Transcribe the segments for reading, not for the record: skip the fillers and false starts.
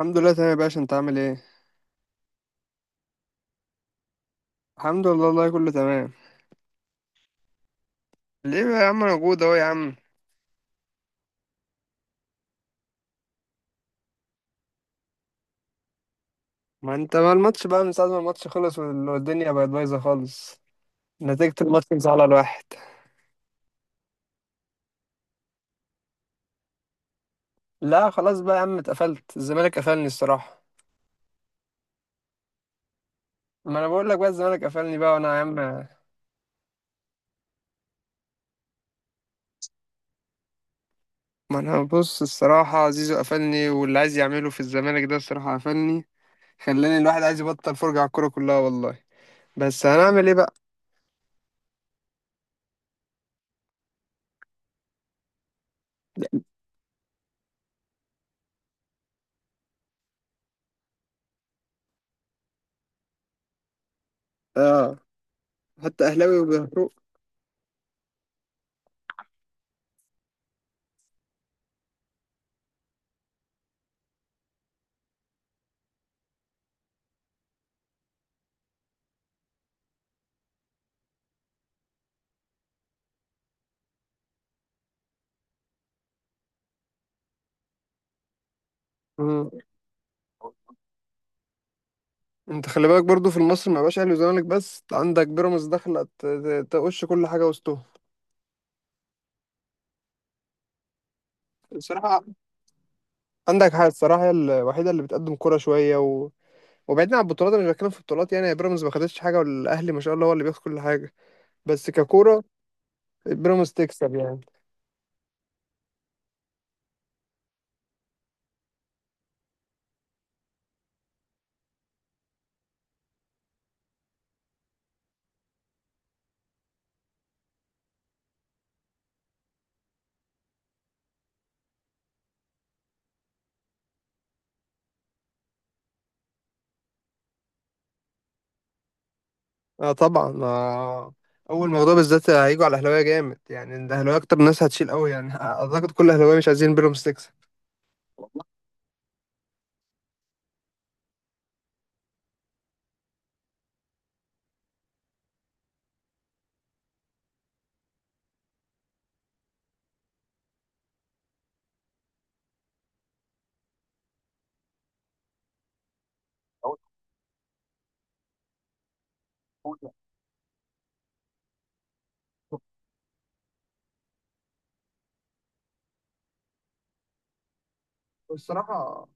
الحمد لله تمام يا باشا، انت عامل ايه؟ الحمد لله والله كله تمام. ليه بقى يا عم؟ انا موجود اهو يا عم. ما انت، ما الماتش بقى من ساعه ما الماتش خلص والدنيا بقت بايظه خالص. نتيجه الماتش مزعله الواحد. لا خلاص بقى يا عم، اتقفلت الزمالك، قفلني الصراحه. ما انا بقول لك بقى الزمالك قفلني بقى، وانا يا عم. ما انا بص الصراحه زيزو قفلني، واللي عايز يعمله في الزمالك ده الصراحه قفلني. خلاني الواحد عايز يبطل فرجه على الكوره كلها والله. بس هنعمل ايه بقى؟ اه، حتى اهلاوي. وبيهرب. انت خلي بالك برضو، في مصر ما بقاش اهلي وزمالك بس، عندك بيراميدز داخله تقش كل حاجه وسطهم. الصراحه، عندك حاجه الصراحه، هي الوحيده اللي بتقدم كوره شويه. و... وبعيدنا عن البطولات، انا مش بتكلم في البطولات، يعني بيراميدز ما خدتش حاجه والاهلي ما شاء الله هو اللي بياخد كل حاجه. بس ككوره بيراميدز تكسب يعني. اه، طبعا. اول موضوع بالذات هيجوا على الاهلاويه جامد، يعني الاهلاويه اكتر ناس هتشيل قوي، يعني اعتقد كل الاهلاويه مش عايزين بيراميدز تكسب. أول- أول- والصراحة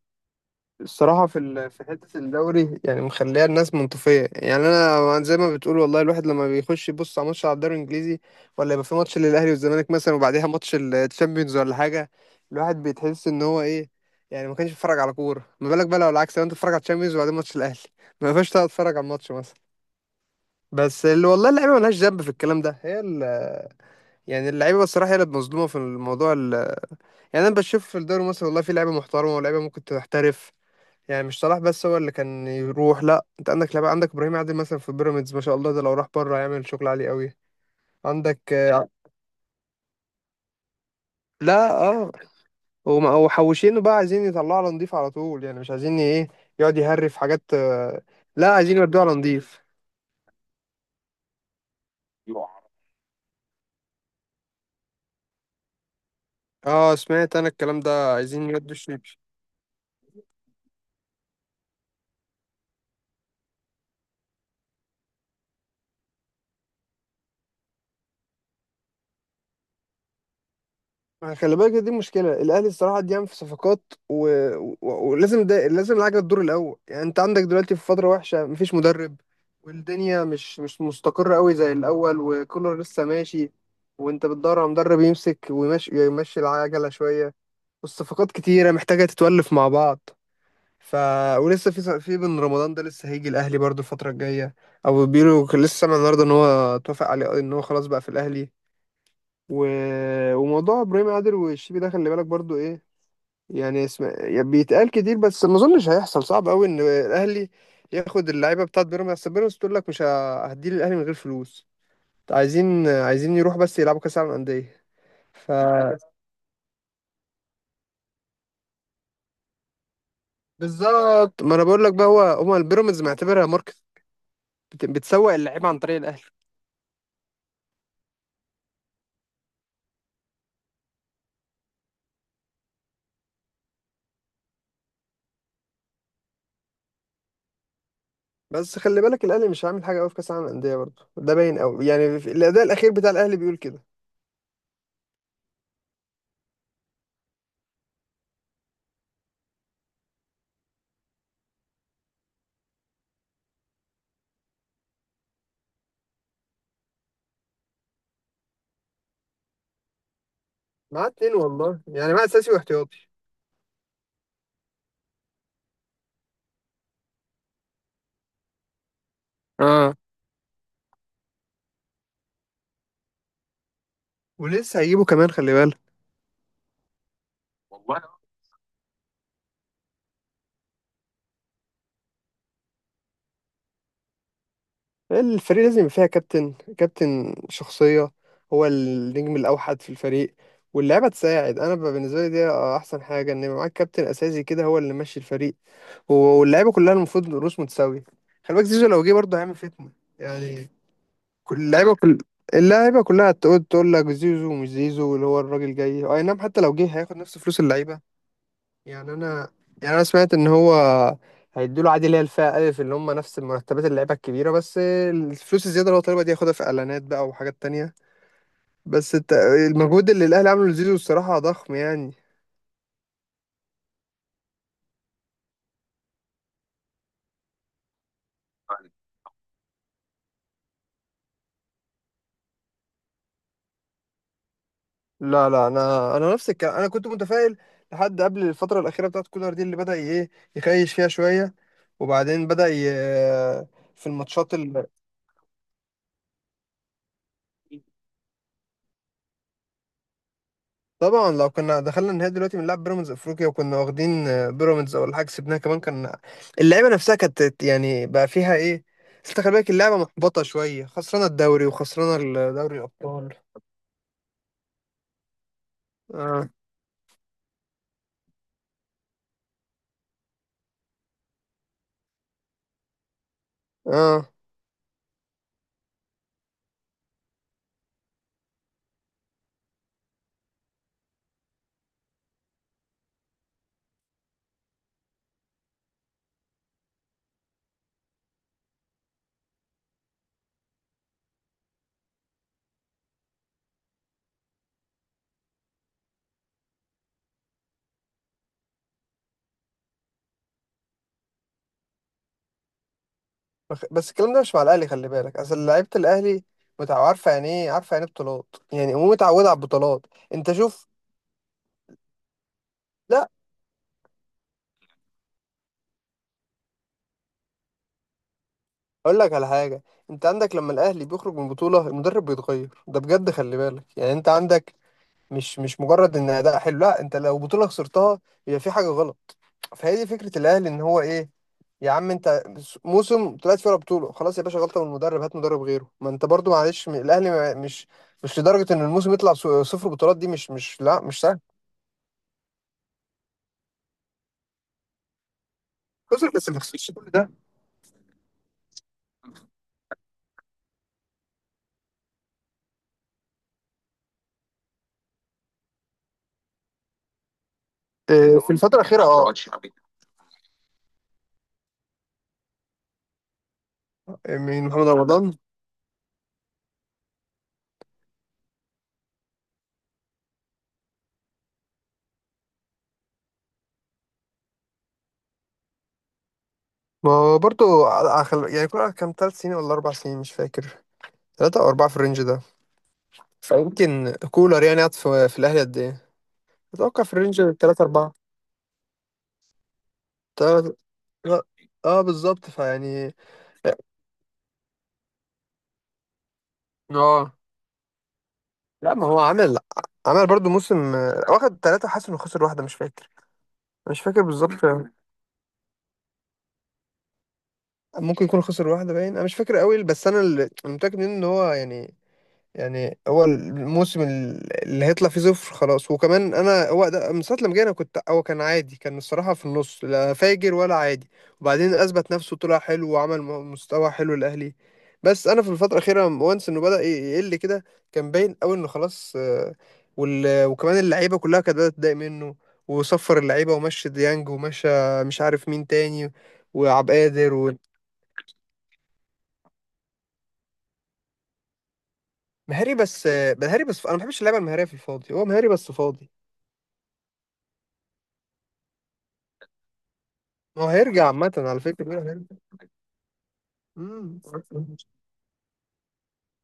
الصراحة في حتة الدوري يعني مخليها الناس منطفية، يعني أنا زي ما بتقول والله، الواحد لما بيخش يبص على ماتش على الدوري الإنجليزي، ولا يبقى في ماتش للأهلي والزمالك مثلا وبعديها ماتش الشامبيونز ولا حاجة، الواحد بيتحس إن هو إيه، يعني ما كانش بيتفرج على كورة. ما بالك بقى لو العكس، لو أنت بتتفرج على الشامبيونز وبعدين ماتش الأهلي ما ينفعش تقعد تتفرج على الماتش مثلا. بس اللي والله، اللعيبة ملهاش ذنب في الكلام ده، هي ال- يعني اللعيبة الصراحة هي اللي مظلومة في الموضوع ال- يعني أنا بشوف في الدوري المصري والله في لعيبة محترمة ولعيبة ممكن تحترف، يعني مش صلاح بس هو اللي كان يروح. لا، انت عندك لعيبه، عندك ابراهيم عادل مثلا في بيراميدز، ما شاء الله ده لو راح بره هيعمل شغل عالي قوي. عندك لا اه. وحوشينه بقى، عايزين يطلعوا على نضيف على طول، يعني مش عايزين ايه، يقعد يهري في حاجات. لا عايزين يودوه على نضيف. اه، سمعت انا الكلام ده، عايزين يودوا الشيب. ما خلي بالك دي مشكلة الأهلي الصراحة، دي في صفقات، و... و... ولازم ده لازم العجلة تدور الأول. يعني أنت عندك دلوقتي في فترة وحشة، مفيش مدرب والدنيا مش مستقرة قوي زي الأول، وكولر لسه ماشي وأنت بتدور على مدرب يمسك ويمشي، يمشي العجلة شوية، والصفقات كتيرة محتاجة تتولف مع بعض. ف ولسه في بن رمضان ده لسه هيجي الأهلي برضو الفترة الجاية، أو بيقولوا لسه، سامع النهاردة إن هو اتوافق عليه إن هو خلاص بقى في الأهلي. و... وموضوع ابراهيم عادل والشيبي ده خلي بالك برضو ايه، يعني اسم يعني بيتقال كتير، بس ما اظنش هيحصل، صعب قوي ان الاهلي ياخد اللعيبه بتاعت بيراميدز. أصل بيراميدز تقول لك مش هديه للاهلي من غير فلوس، عايزين يروح بس يلعبوا كاس العالم للانديه. ف بالظبط، ما انا بقول لك بقى، هو هما البيراميدز معتبرها ماركت، بتسوق اللعيبه عن طريق الاهلي. بس خلي بالك الاهلي مش هيعمل حاجه قوي في كاس العالم للانديه برضو، ده باين قوي، يعني الاداء الاخير بتاع الاهلي بيقول كده. معاه 2 والله، يعني معاه اساسي واحتياطي. اه، ولسه هيجيبوا كمان خلي بالك. الفريق لازم يبقى فيها كابتن، كابتن شخصية، هو النجم الأوحد في الفريق واللعيبة تساعد. أنا بقى بالنسبة لي دي أحسن حاجة، إن يبقى معاك كابتن أساسي كده هو اللي ماشي الفريق، واللعيبة كلها المفروض رؤوس متساوية. خلي بالك زيزو لو جه برضه هيعمل فتنة يعني، كل اللعيبة كلها تقول لك زيزو مش زيزو، اللي هو الراجل جاي أي نعم، حتى لو جه هياخد نفس فلوس اللعيبة. يعني انا يعني انا سمعت ان هو هيدوا له عادي، اللي هي الفئه الف اللي هم نفس مرتبات اللعيبه الكبيره، بس الفلوس الزياده اللي هو طالبها دي ياخدها في اعلانات بقى وحاجات تانية. بس المجهود اللي الاهلي عامله لزيزو الصراحه ضخم يعني. لا، لا، انا نفس الكلام، انا كنت متفائل لحد قبل الفتره الاخيره بتاعت كولر دي، اللي بدا ايه، يخيش فيها شويه، وبعدين بدا في الماتشات. طبعا لو كنا دخلنا النهائي دلوقتي بنلعب بيراميدز افريقيا وكنا واخدين بيراميدز او حاجه كسبناها كمان، كان اللعيبه نفسها كانت يعني بقى فيها ايه. بس انت خلي بالك اللعبه محبطه شويه، خسرانه الدوري وخسرانه دوري الابطال. اه، اه، بس الكلام ده مش مع الاهلي، خلي بالك، اصل لعيبه الاهلي عارفه يعني ايه، عارفه يعني إيه بطولات، يعني مو متعوده على البطولات. انت شوف، لا اقول لك على حاجه، انت عندك لما الاهلي بيخرج من بطوله المدرب بيتغير، ده بجد خلي بالك يعني، انت عندك مش مجرد ان اداء حلو، لا انت لو بطوله خسرتها يبقى في حاجه غلط. فهي دي فكره الاهلي، ان هو ايه، يا عم انت موسم طلعت فيه ولا بطوله، خلاص يا باشا غلطه من المدرب، هات مدرب غيره. ما انت برضو معلش الاهلي مش لدرجه ان الموسم يطلع صفر بطولات، دي مش لا مش سهل. خسر بس ما خسرش كل ده. في الفتره الاخيره اه، من محمد رمضان. ما هو برضو يعني كولر كان 3 سنين ولا 4 سنين مش فاكر، 3 أو 4 في الرينج ده. فيمكن كولر يعني قعد في الاهلي قد ايه، اتوقع في الرينج 3-4. تلات لا، اه بالظبط، فيعني اه. لا ما هو عمل، عمل برضو موسم، واخد 3، حاسس إنه خسر واحدة مش فاكر. مش فاكر بالظبط، ممكن يكون خسر واحدة باين، أنا مش فاكر قوي، بس أنا اللي أنا متأكد منه إن هو يعني، يعني هو الموسم اللي هيطلع فيه صفر خلاص. وكمان انا هو ده من ساعه لما جينا، كنت هو كان عادي، كان الصراحه في النص لا فاجر ولا عادي، وبعدين اثبت نفسه طلع حلو وعمل مستوى حلو الاهلي. بس انا في الفتره الاخيره وانس انه يقل كده، كان باين قوي انه خلاص. وال... وكمان اللعيبه كلها كانت بدات تضايق منه، وصفر اللعيبه ومشي ديانج ومشى مش عارف مين تاني، وعبد القادر ومهاري بس. مهاري بس انا ما بحبش اللعيبه المهاريه في الفاضي، هو مهاري بس فاضي. ما هو هيرجع عامة على فكرة، بيقولوا هيرجع. مم.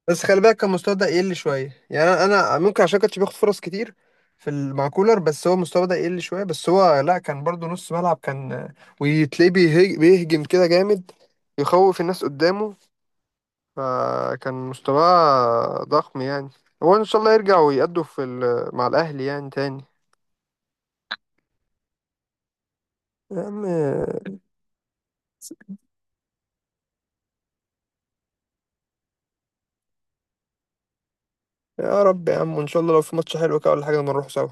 بس خلي بالك كان مستواه ده يقل شوية يعني، أنا ممكن عشان كانش بياخد فرص كتير مع كولر، بس هو مستواه بدأ يقل شوية، بس هو لا كان برضو نص ملعب، كان وتلاقيه بيهجم كده جامد، يخوف الناس قدامه، فكان مستواه ضخم يعني. هو إن شاء الله يرجع ويأدوا مع الأهلي يعني تاني. يا عم، يا رب يا عم، وإن شاء الله لو في ماتش حلو كده ولا حاجة نروح سوا.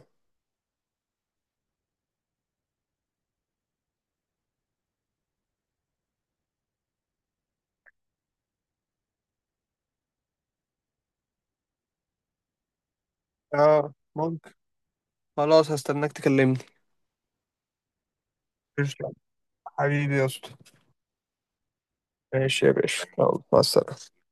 اه ممكن. خلاص هستناك تكلمني. قشطة. حبيبي يا اسطى. ماشي يا باشا، يلا مع السلامة.